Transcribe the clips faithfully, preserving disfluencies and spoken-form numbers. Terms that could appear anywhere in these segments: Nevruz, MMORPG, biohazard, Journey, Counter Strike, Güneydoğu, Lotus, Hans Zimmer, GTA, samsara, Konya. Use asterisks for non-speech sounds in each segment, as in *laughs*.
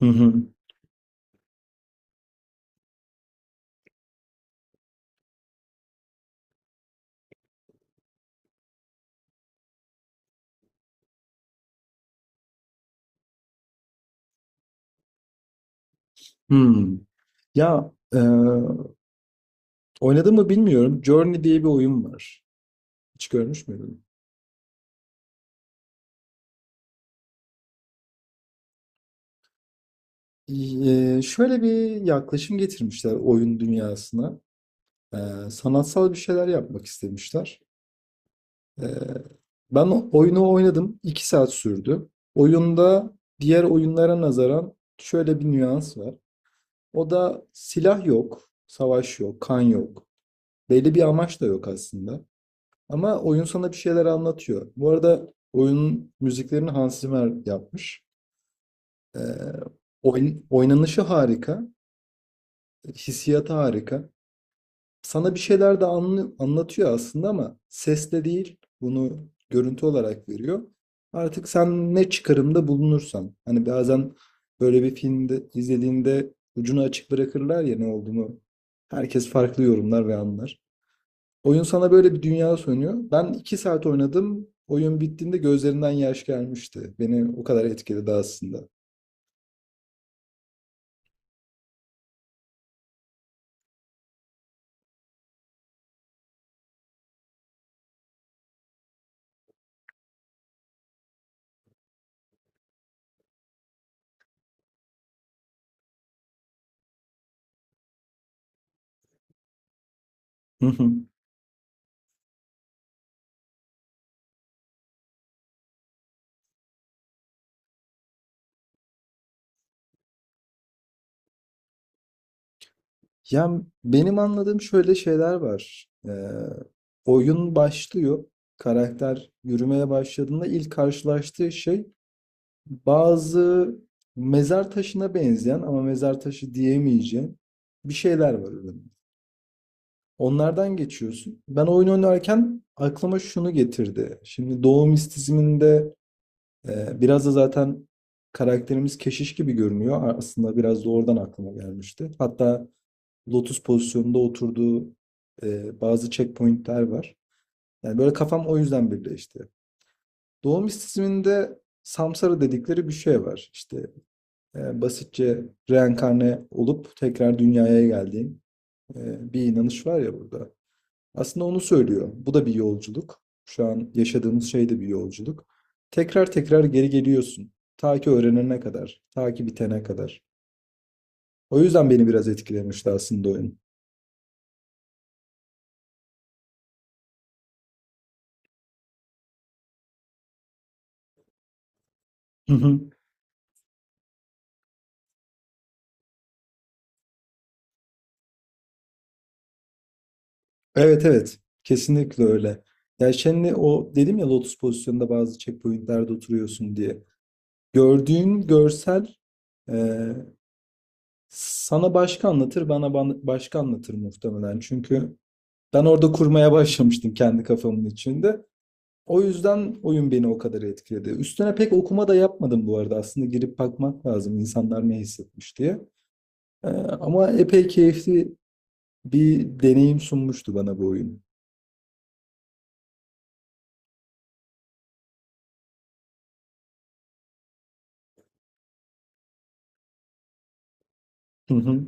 Hı hı. Hımm. Ya, eee, oynadım mı bilmiyorum. Journey diye bir oyun var. Hiç görmüş müydün? İii, şöyle bir yaklaşım getirmişler oyun dünyasına. Eee, sanatsal bir şeyler yapmak istemişler. Eee, Ben o oyunu oynadım. iki saat sürdü. Oyunda diğer oyunlara nazaran şöyle bir nüans var. O da silah yok, savaş yok, kan yok. Belli bir amaç da yok aslında. Ama oyun sana bir şeyler anlatıyor. Bu arada oyunun müziklerini Hans Zimmer yapmış. Ee, Oyun, oynanışı harika, hissiyatı harika. Sana bir şeyler de anlı- anlatıyor aslında ama sesle değil, bunu görüntü olarak veriyor. Artık sen ne çıkarımda bulunursan, hani bazen böyle bir filmde izlediğinde ucunu açık bırakırlar ya ne olduğunu. Herkes farklı yorumlar ve anlar. Oyun sana böyle bir dünya sunuyor. Ben iki saat oynadım. Oyun bittiğinde gözlerinden yaş gelmişti. Beni o kadar etkiledi aslında. Hı hı. Ya benim anladığım şöyle şeyler var. Ee, oyun başlıyor. Karakter yürümeye başladığında ilk karşılaştığı şey bazı mezar taşına benzeyen ama mezar taşı diyemeyeceğim bir şeyler var önünde. Onlardan geçiyorsun. Ben oyun oynarken aklıma şunu getirdi. Şimdi doğum istizminde Ee, biraz da zaten karakterimiz keşiş gibi görünüyor. Aslında biraz da oradan aklıma gelmişti. Hatta Lotus pozisyonunda oturduğu e, bazı checkpointler var. Yani böyle kafam o yüzden birleşti. Doğu mistisizminde samsara dedikleri bir şey var. İşte e, basitçe reenkarne olup tekrar dünyaya geldiğin e, bir inanış var ya burada. Aslında onu söylüyor. Bu da bir yolculuk. Şu an yaşadığımız şey de bir yolculuk. Tekrar tekrar geri geliyorsun. Ta ki öğrenene kadar, ta ki bitene kadar. O yüzden beni biraz etkilemişti aslında oyun. Hı hı. Evet, evet, kesinlikle öyle. Ya şimdi o dedim ya lotus pozisyonunda bazı checkpointlerde oturuyorsun diye. Gördüğün görsel e, sana başka anlatır, bana ban- başka anlatır muhtemelen. Çünkü ben orada kurmaya *laughs* başlamıştım kendi kafamın içinde. O yüzden oyun beni o kadar etkiledi. Üstüne pek okuma da yapmadım bu arada. Aslında girip bakmak lazım insanlar ne hissetmiş diye. Ee, ama epey keyifli bir deneyim sunmuştu bana bu oyun. Hı hı,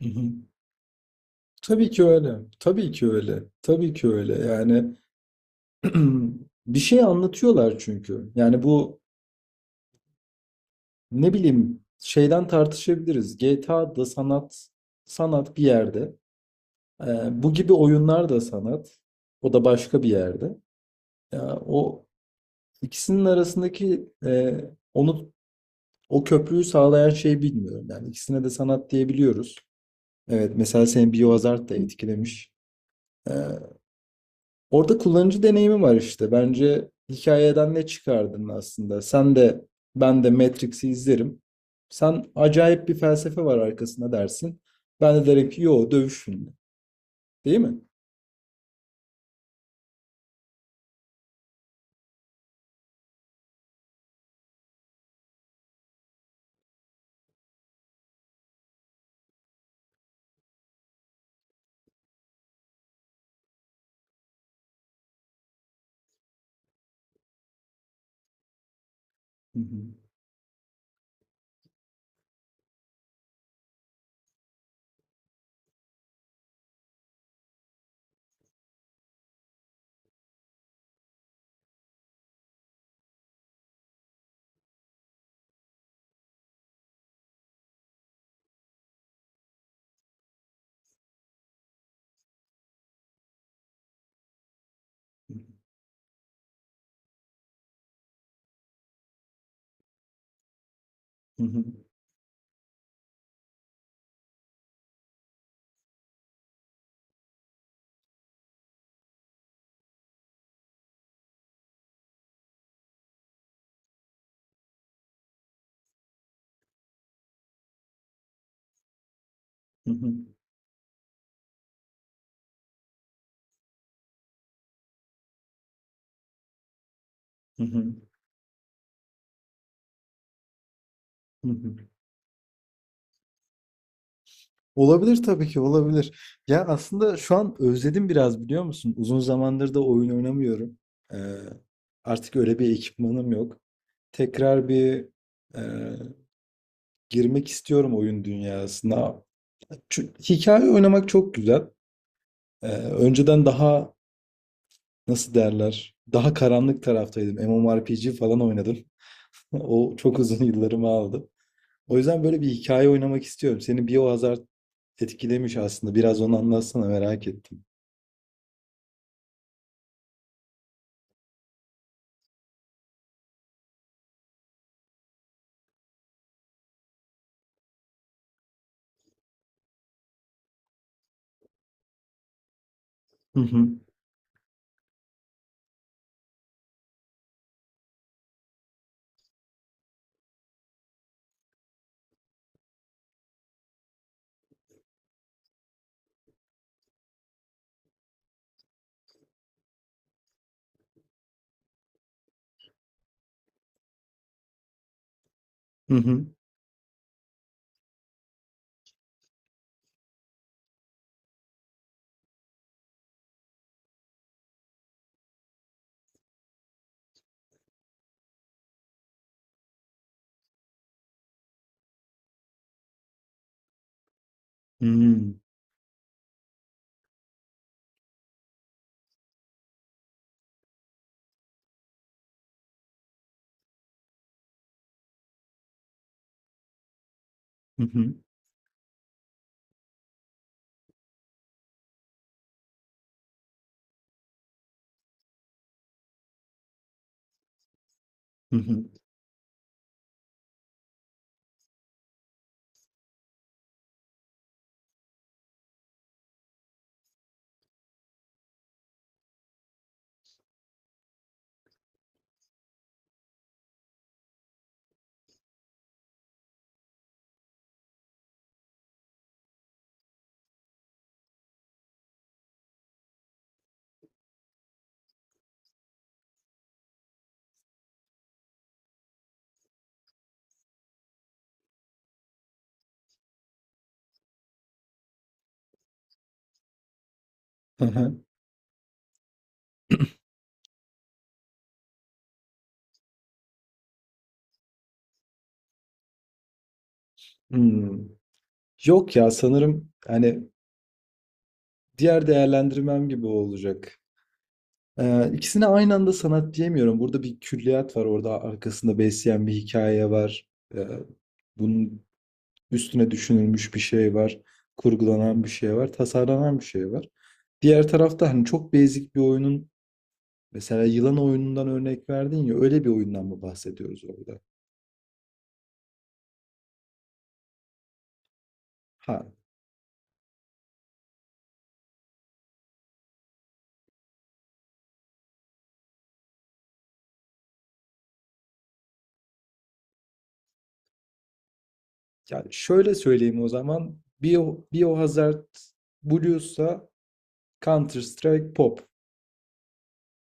hı hı. Tabii ki öyle. Tabii ki öyle. Tabii ki öyle. Yani *clears throat* bir şey anlatıyorlar çünkü. Yani bu ne bileyim şeyden tartışabiliriz. G T A da sanat, sanat bir yerde. Ee, bu gibi oyunlar da sanat. O da başka bir yerde. Ya, o İkisinin arasındaki, e, onu o köprüyü sağlayan şeyi bilmiyorum. Yani ikisine de sanat diyebiliyoruz. Evet, mesela senin biohazard da etkilemiş. E, Orada kullanıcı deneyimi var işte. Bence hikayeden ne çıkardın aslında? Sen de ben de Matrix'i izlerim. Sen acayip bir felsefe var arkasında dersin. Ben de derim ki yo, dövüş filmi. Değil mi? Hı hı. Hı hı. Hı hı. Hı hı. Hı hı. Olabilir, tabii ki olabilir. Ya aslında şu an özledim biraz, biliyor musun? Uzun zamandır da oyun oynamıyorum. Ee, Artık öyle bir ekipmanım yok. Tekrar bir e, girmek istiyorum oyun dünyasına. Çünkü hikaye oynamak çok güzel. Ee, önceden daha nasıl derler? Daha karanlık taraftaydım. M M O R P G falan oynadım. *laughs* O çok uzun yıllarımı aldı. O yüzden böyle bir hikaye oynamak istiyorum. Seni Biohazard etkilemiş aslında. Biraz onu anlatsana, merak ettim. Hı hı. Hı hı. Hımm. Hı hı. Hı hı. Hı hı. Hımm. Yok ya, sanırım, hani, diğer değerlendirmem gibi olacak. Eee, ikisine aynı anda sanat diyemiyorum. Burada bir külliyat var, orada arkasında besleyen bir hikaye var. Eee, Bunun üstüne düşünülmüş bir şey var, kurgulanan bir şey var, tasarlanan bir şey var. Diğer tarafta, hani, çok basic bir oyunun, mesela yılan oyunundan örnek verdin ya, öyle bir oyundan mı bahsediyoruz orada? Ha. Yani şöyle söyleyeyim o zaman. Bio, Biohazard Blues'a, Counter Strike Pop.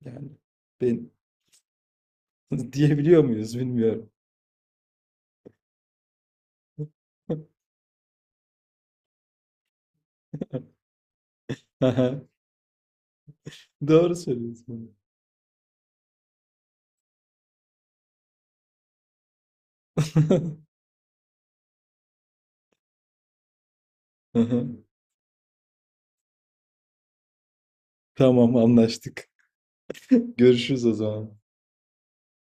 Yani ben *laughs* diyebiliyor muyuz bilmiyorum. *laughs* Aha, doğru söylüyorsun. *laughs* Aha, tamam, anlaştık. Görüşürüz o zaman.